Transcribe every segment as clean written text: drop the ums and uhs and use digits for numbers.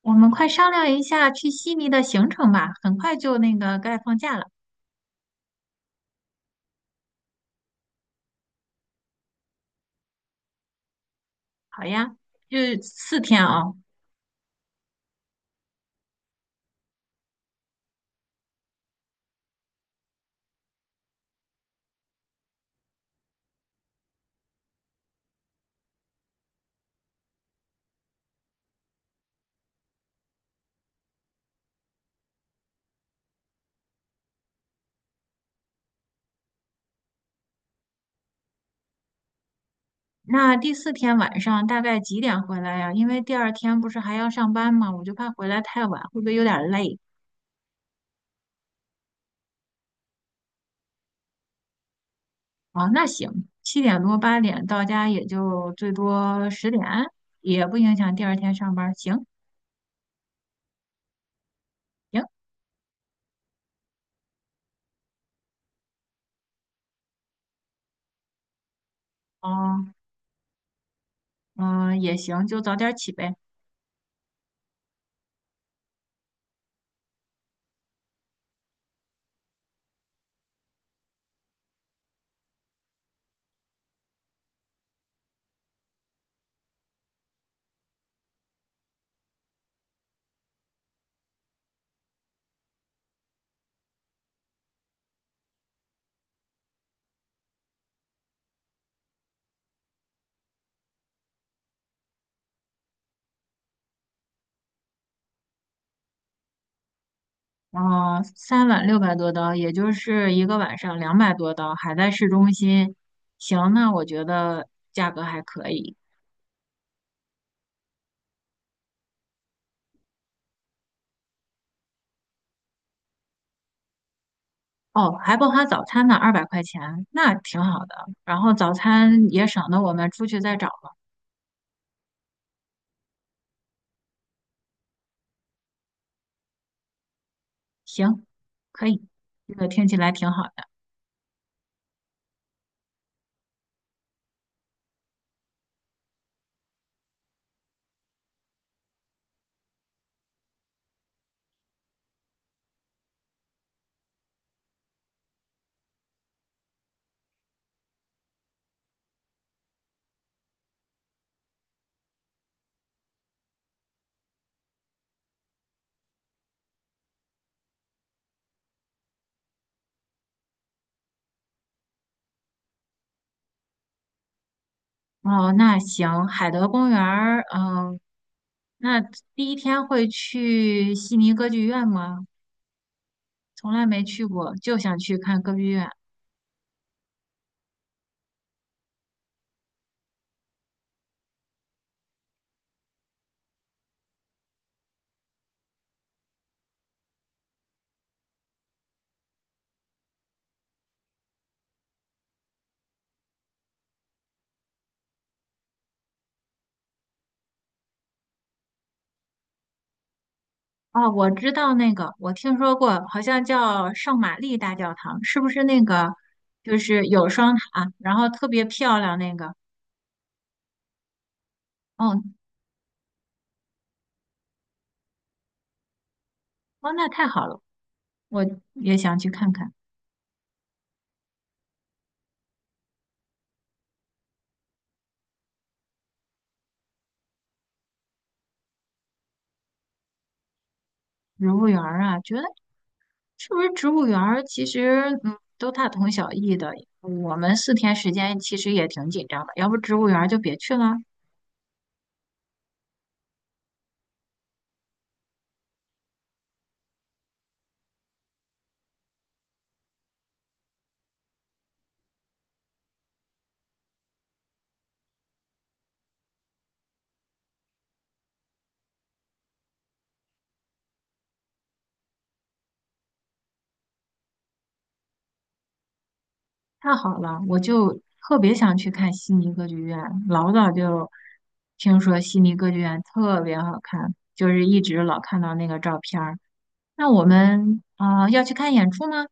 我们快商量一下去悉尼的行程吧，很快就那个该放假了。好呀，就四天啊。那第四天晚上大概几点回来呀？因为第二天不是还要上班嘛，我就怕回来太晚，会不会有点累？啊？那行，7点多8点到家也就最多10点，也不影响第二天上班。行行，哦，嗯，也行，就早点起呗。然后3晚600多刀，也就是1个晚上200多刀，还在市中心。行，那我觉得价格还可以。哦，还包含早餐呢，200块钱，那挺好的。然后早餐也省得我们出去再找了。行，可以，这个听起来挺好的。哦，那行，海德公园儿，嗯，那第一天会去悉尼歌剧院吗？从来没去过，就想去看歌剧院。哦，我知道那个，我听说过，好像叫圣玛丽大教堂，是不是那个？就是有双塔，然后特别漂亮那个。哦，哦，那太好了，我也想去看看植物园儿啊。觉得是不是植物园儿其实嗯都大同小异的，我们四天时间其实也挺紧张的，要不植物园儿就别去了。太好了，我就特别想去看悉尼歌剧院，老早就听说悉尼歌剧院特别好看，就是一直老看到那个照片儿。那我们啊、要去看演出吗？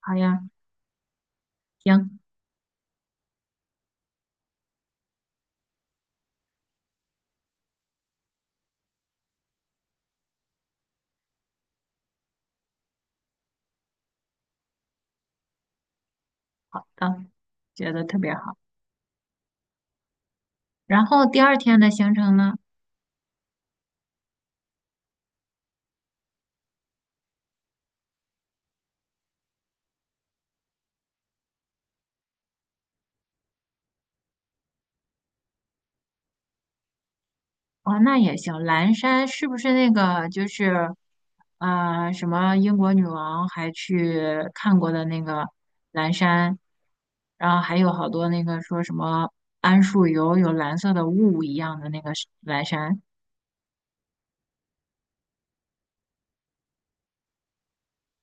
好呀，行，到，觉得特别好。然后第二天的行程呢？哦，那也行。蓝山是不是那个就是，啊，什么英国女王还去看过的那个蓝山？然后还有好多那个说什么桉树油有蓝色的雾一样的那个是蓝山。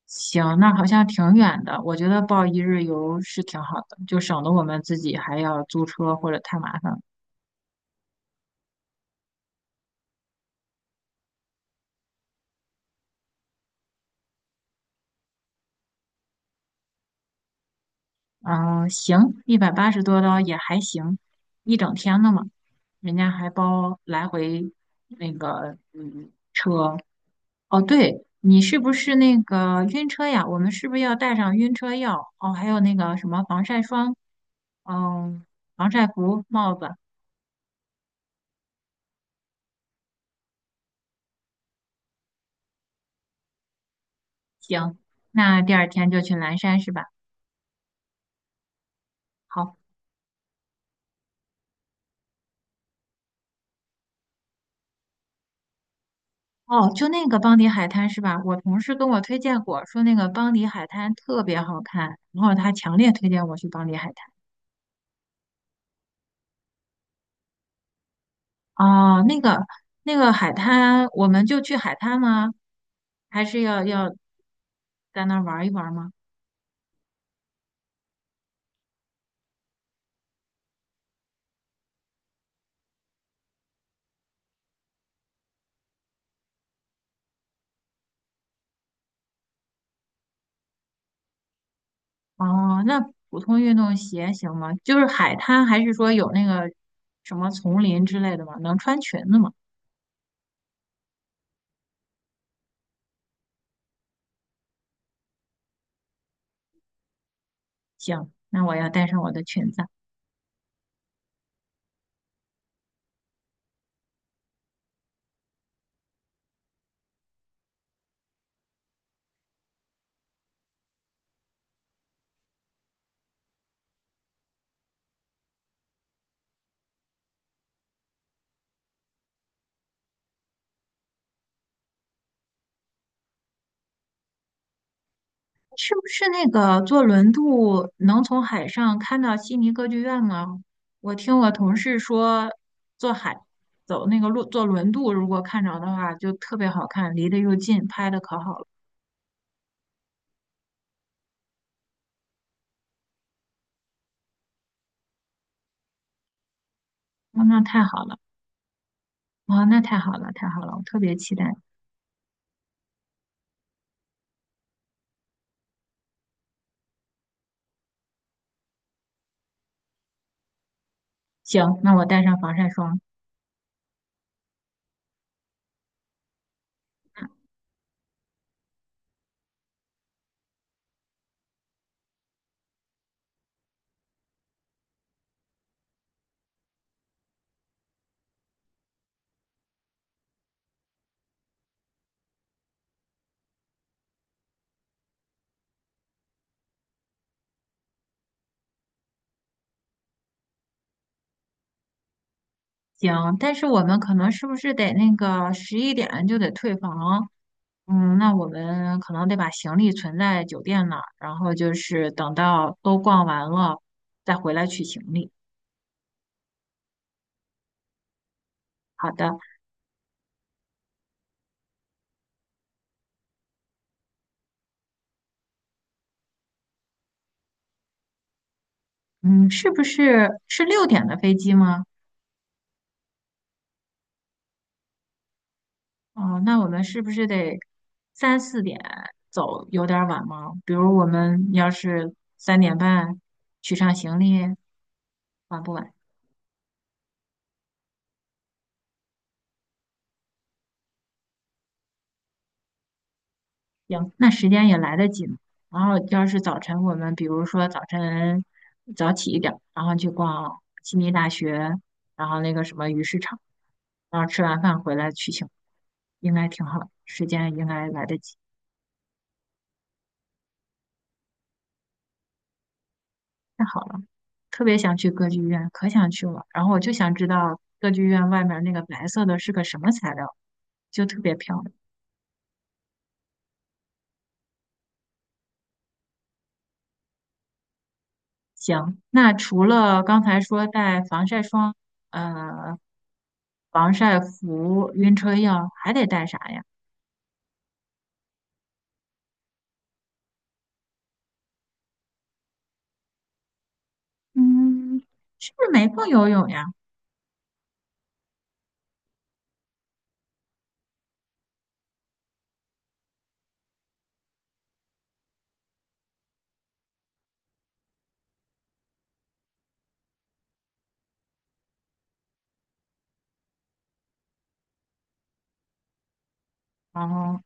行，那好像挺远的，我觉得报一日游是挺好的，就省得我们自己还要租车或者太麻烦了。嗯，行，180多刀也还行，一整天的嘛，人家还包来回那个嗯车。哦，对，你是不是那个晕车呀？我们是不是要带上晕车药？哦，还有那个什么防晒霜，嗯，防晒服、帽子。行，那第二天就去蓝山是吧？好，哦，就那个邦迪海滩是吧？我同事跟我推荐过，说那个邦迪海滩特别好看，然后他强烈推荐我去邦迪海滩。哦，那个海滩，我们就去海滩吗？还是要在那儿玩一玩吗？哦，那普通运动鞋行吗？就是海滩，还是说有那个什么丛林之类的吗？能穿裙子吗？行，那我要带上我的裙子。是不是那个坐轮渡能从海上看到悉尼歌剧院吗？我听我同事说，坐海走那个路坐轮渡，如果看着的话，就特别好看，离得又近，拍的可好了。哦，那太好了，哦，那太好了，太好了，我特别期待。行，那我带上防晒霜。嗯。行，但是我们可能是不是得那个11点就得退房？嗯，那我们可能得把行李存在酒店那儿，然后就是等到都逛完了再回来取行李。好的，嗯，是不是是6点的飞机吗？哦，那我们是不是得3、4点走，有点儿晚吗？比如我们要是3点半取上行李，晚不晚？行，那时间也来得及然后要是早晨，我们比如说早晨早起一点儿，然后去逛悉尼大学，然后那个什么鱼市场，然后吃完饭回来去醒，应该挺好的，时间应该来得及。太好了，特别想去歌剧院，可想去了。然后我就想知道歌剧院外面那个白色的是个什么材料，就特别漂亮。行，那除了刚才说带防晒霜，呃，防晒服、晕车药，还得带啥呀？嗯，是不是没空游泳呀？哦，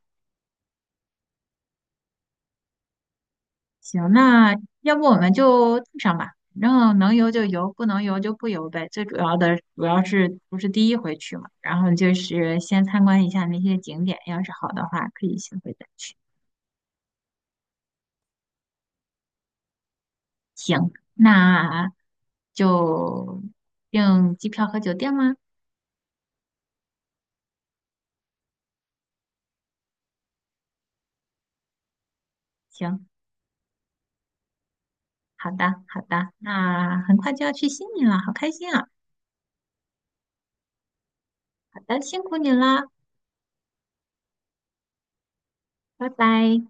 行，那要不我们就带上吧，反正能游就游，不能游就不游呗。最主要的主要是不是第一回去嘛，然后就是先参观一下那些景点，要是好的话可以下回再去。行，那就订机票和酒店吗？行，好的，好的，那很快就要去悉尼了，好开心啊！好的，辛苦你啦。拜拜。